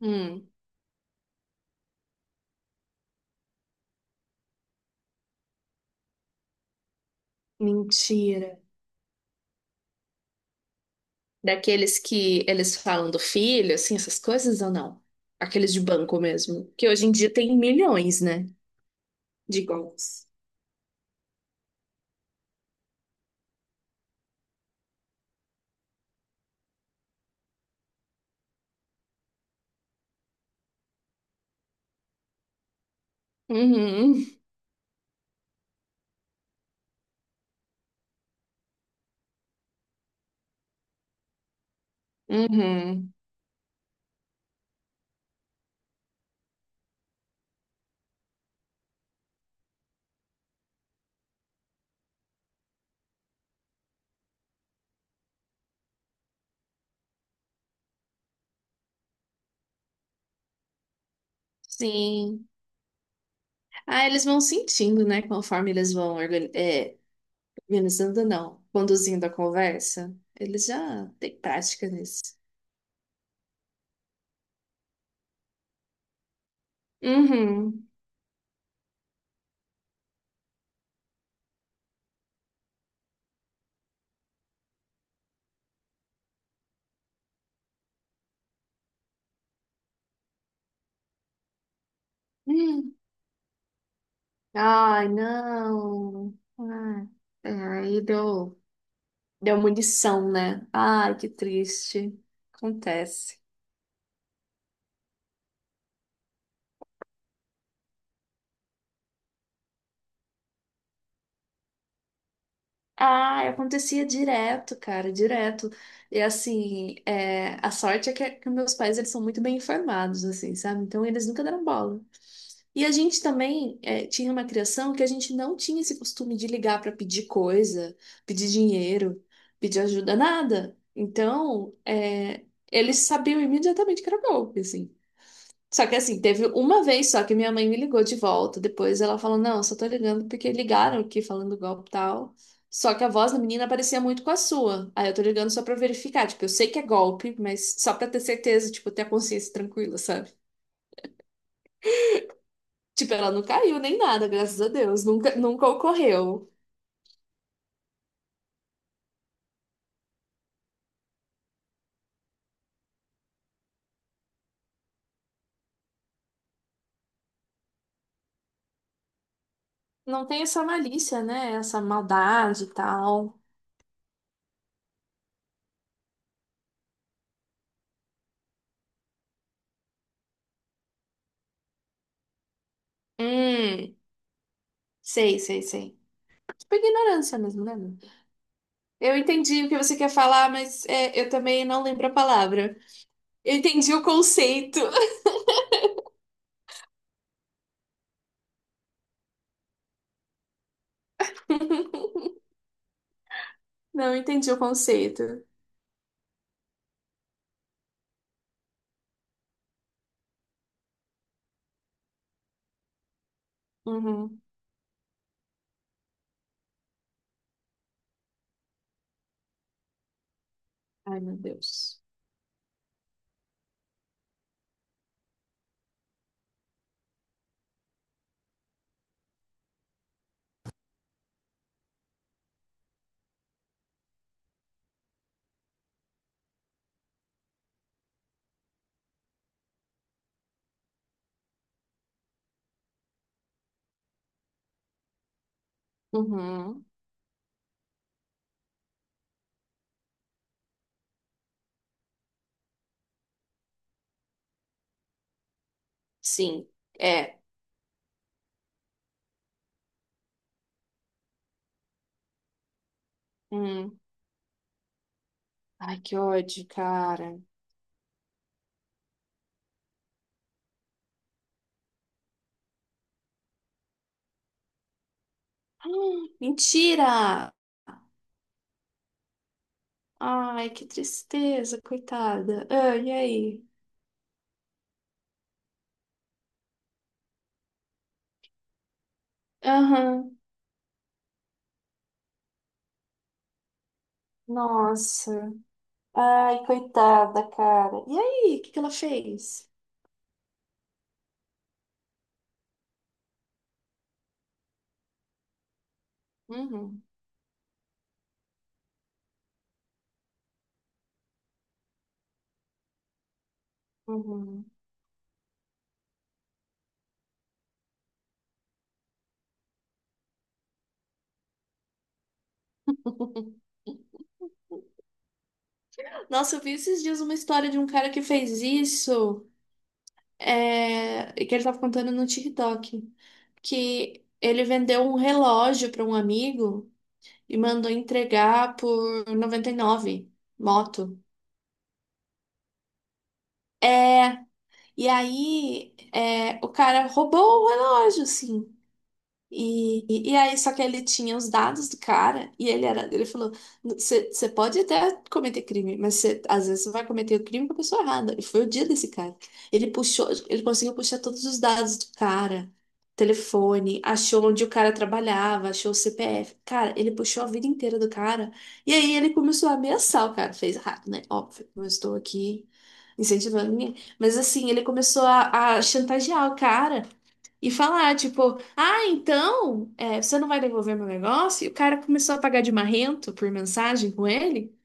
Hum. Mentira. Daqueles que eles falam do filho, assim, essas coisas ou não? Aqueles de banco mesmo. Que hoje em dia tem milhões, né? De golpes. Uhum, uhum, sim. Ah, eles vão sentindo, né? Conforme eles vão organizando, não, conduzindo a conversa. Eles já têm prática nisso. Uhum. Hum. Ai, não. Ai, é, aí deu. Deu munição, né? Ai, que triste. Acontece. Ah, acontecia direto, cara, direto. E assim, é, a sorte é que meus pais eles são muito bem informados, assim, sabe? Então eles nunca deram bola. E a gente também é, tinha uma criação que a gente não tinha esse costume de ligar para pedir coisa, pedir dinheiro, pedir ajuda, nada. Então, é, eles sabiam imediatamente que era golpe, assim. Só que assim, teve uma vez só que minha mãe me ligou de volta. Depois ela falou: não, só tô ligando porque ligaram aqui falando do golpe e tal. Só que a voz da menina parecia muito com a sua. Aí eu tô ligando só pra verificar. Tipo, eu sei que é golpe, mas só pra ter certeza, tipo, ter a consciência tranquila, sabe? Tipo, ela não caiu nem nada, graças a Deus. Nunca, nunca ocorreu. Não tem essa malícia, né? Essa maldade e tal. Hum, sei, sei, sei. Tipo, ignorância mesmo, né? Lu? Eu entendi o que você quer falar, mas é, eu também não lembro a palavra. Eu entendi o conceito. Não, eu entendi o conceito. Uhum. Ai, meu Deus. Uhum. Sim. É. Hum. Ai, que ódio, cara. Mentira! Ai, que tristeza, coitada. Ah, e aí? Aham. Nossa. Ai, coitada, cara. E aí, o que que ela fez? Uhum. Uhum. Nossa, eu vi esses dias uma história de um cara que fez isso. É, que ele tava contando no TikTok, que ele vendeu um relógio para um amigo e mandou entregar por 99 moto. É, e aí é, o cara roubou o relógio, assim. E aí, só que ele tinha os dados do cara e ele era, ele falou, você pode até cometer crime, mas cê, às vezes você vai cometer o crime com a pessoa errada. E foi o dia desse cara. Ele puxou, ele conseguiu puxar todos os dados do cara, telefone, achou onde o cara trabalhava, achou o CPF. Cara, ele puxou a vida inteira do cara. E aí ele começou a ameaçar o cara. Fez errado, né? Óbvio, não estou aqui incentivando ninguém. Mas assim, ele começou a chantagear o cara. E falar, tipo, ah, então, é, você não vai devolver meu negócio? E o cara começou a pagar de marrento por mensagem com ele.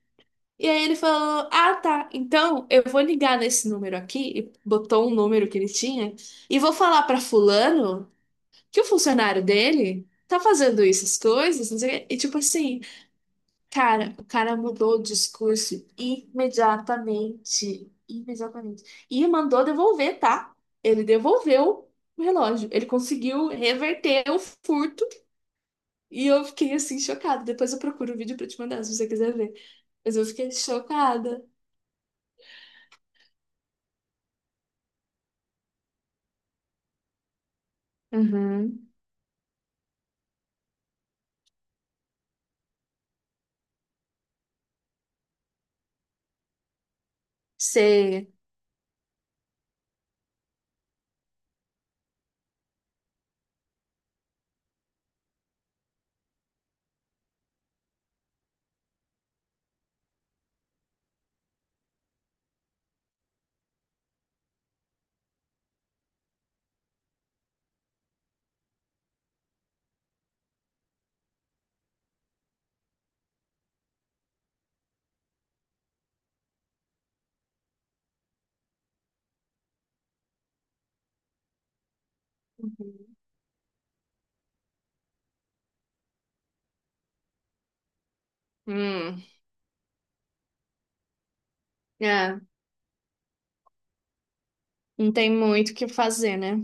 E aí ele falou, ah, tá, então eu vou ligar nesse número aqui, e botou um número que ele tinha, e vou falar pra fulano que o funcionário dele tá fazendo essas coisas, não sei o quê. E tipo assim, cara, o cara mudou o discurso imediatamente. Imediatamente. E mandou devolver, tá? Ele devolveu o relógio. Ele conseguiu reverter o furto. E eu fiquei assim, chocada. Depois eu procuro o vídeo pra te mandar, se você quiser ver. Mas eu fiquei chocada. Uhum. Sei. Uhum. Hum, é, não tem muito o que fazer, né?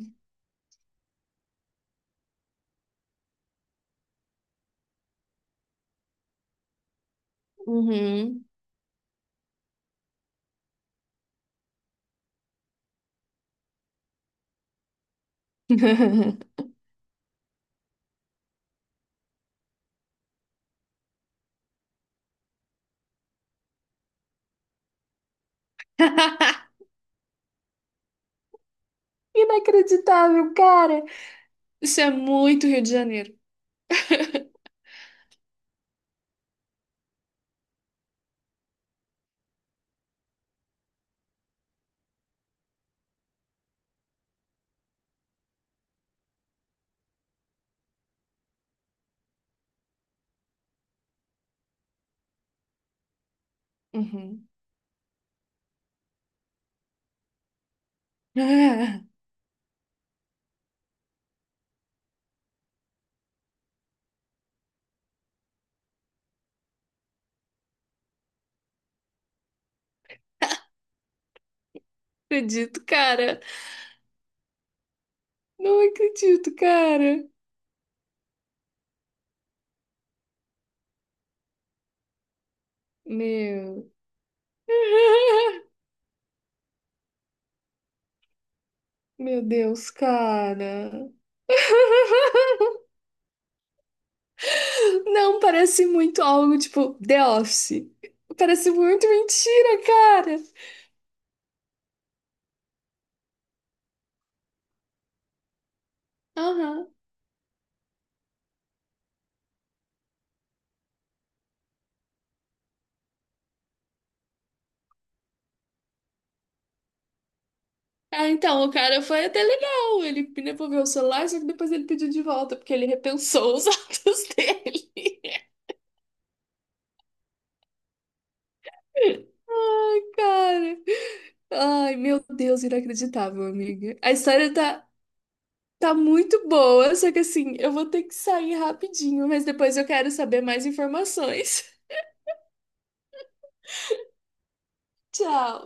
Uhum. Inacreditável, cara. Isso é muito Rio de Janeiro. Uhum. Ah, acredito, cara. Não acredito, cara. Meu, meu Deus, cara. Não, parece muito algo tipo The Office. Parece muito mentira, cara. Aham. Ah, então, o cara foi até legal. Ele devolveu o celular, só que depois ele pediu de volta, porque ele repensou os atos dele. Ai, cara. Ai, meu Deus, inacreditável, amiga. A história tá tá muito boa, só que assim, eu vou ter que sair rapidinho, mas depois eu quero saber mais informações. Tchau.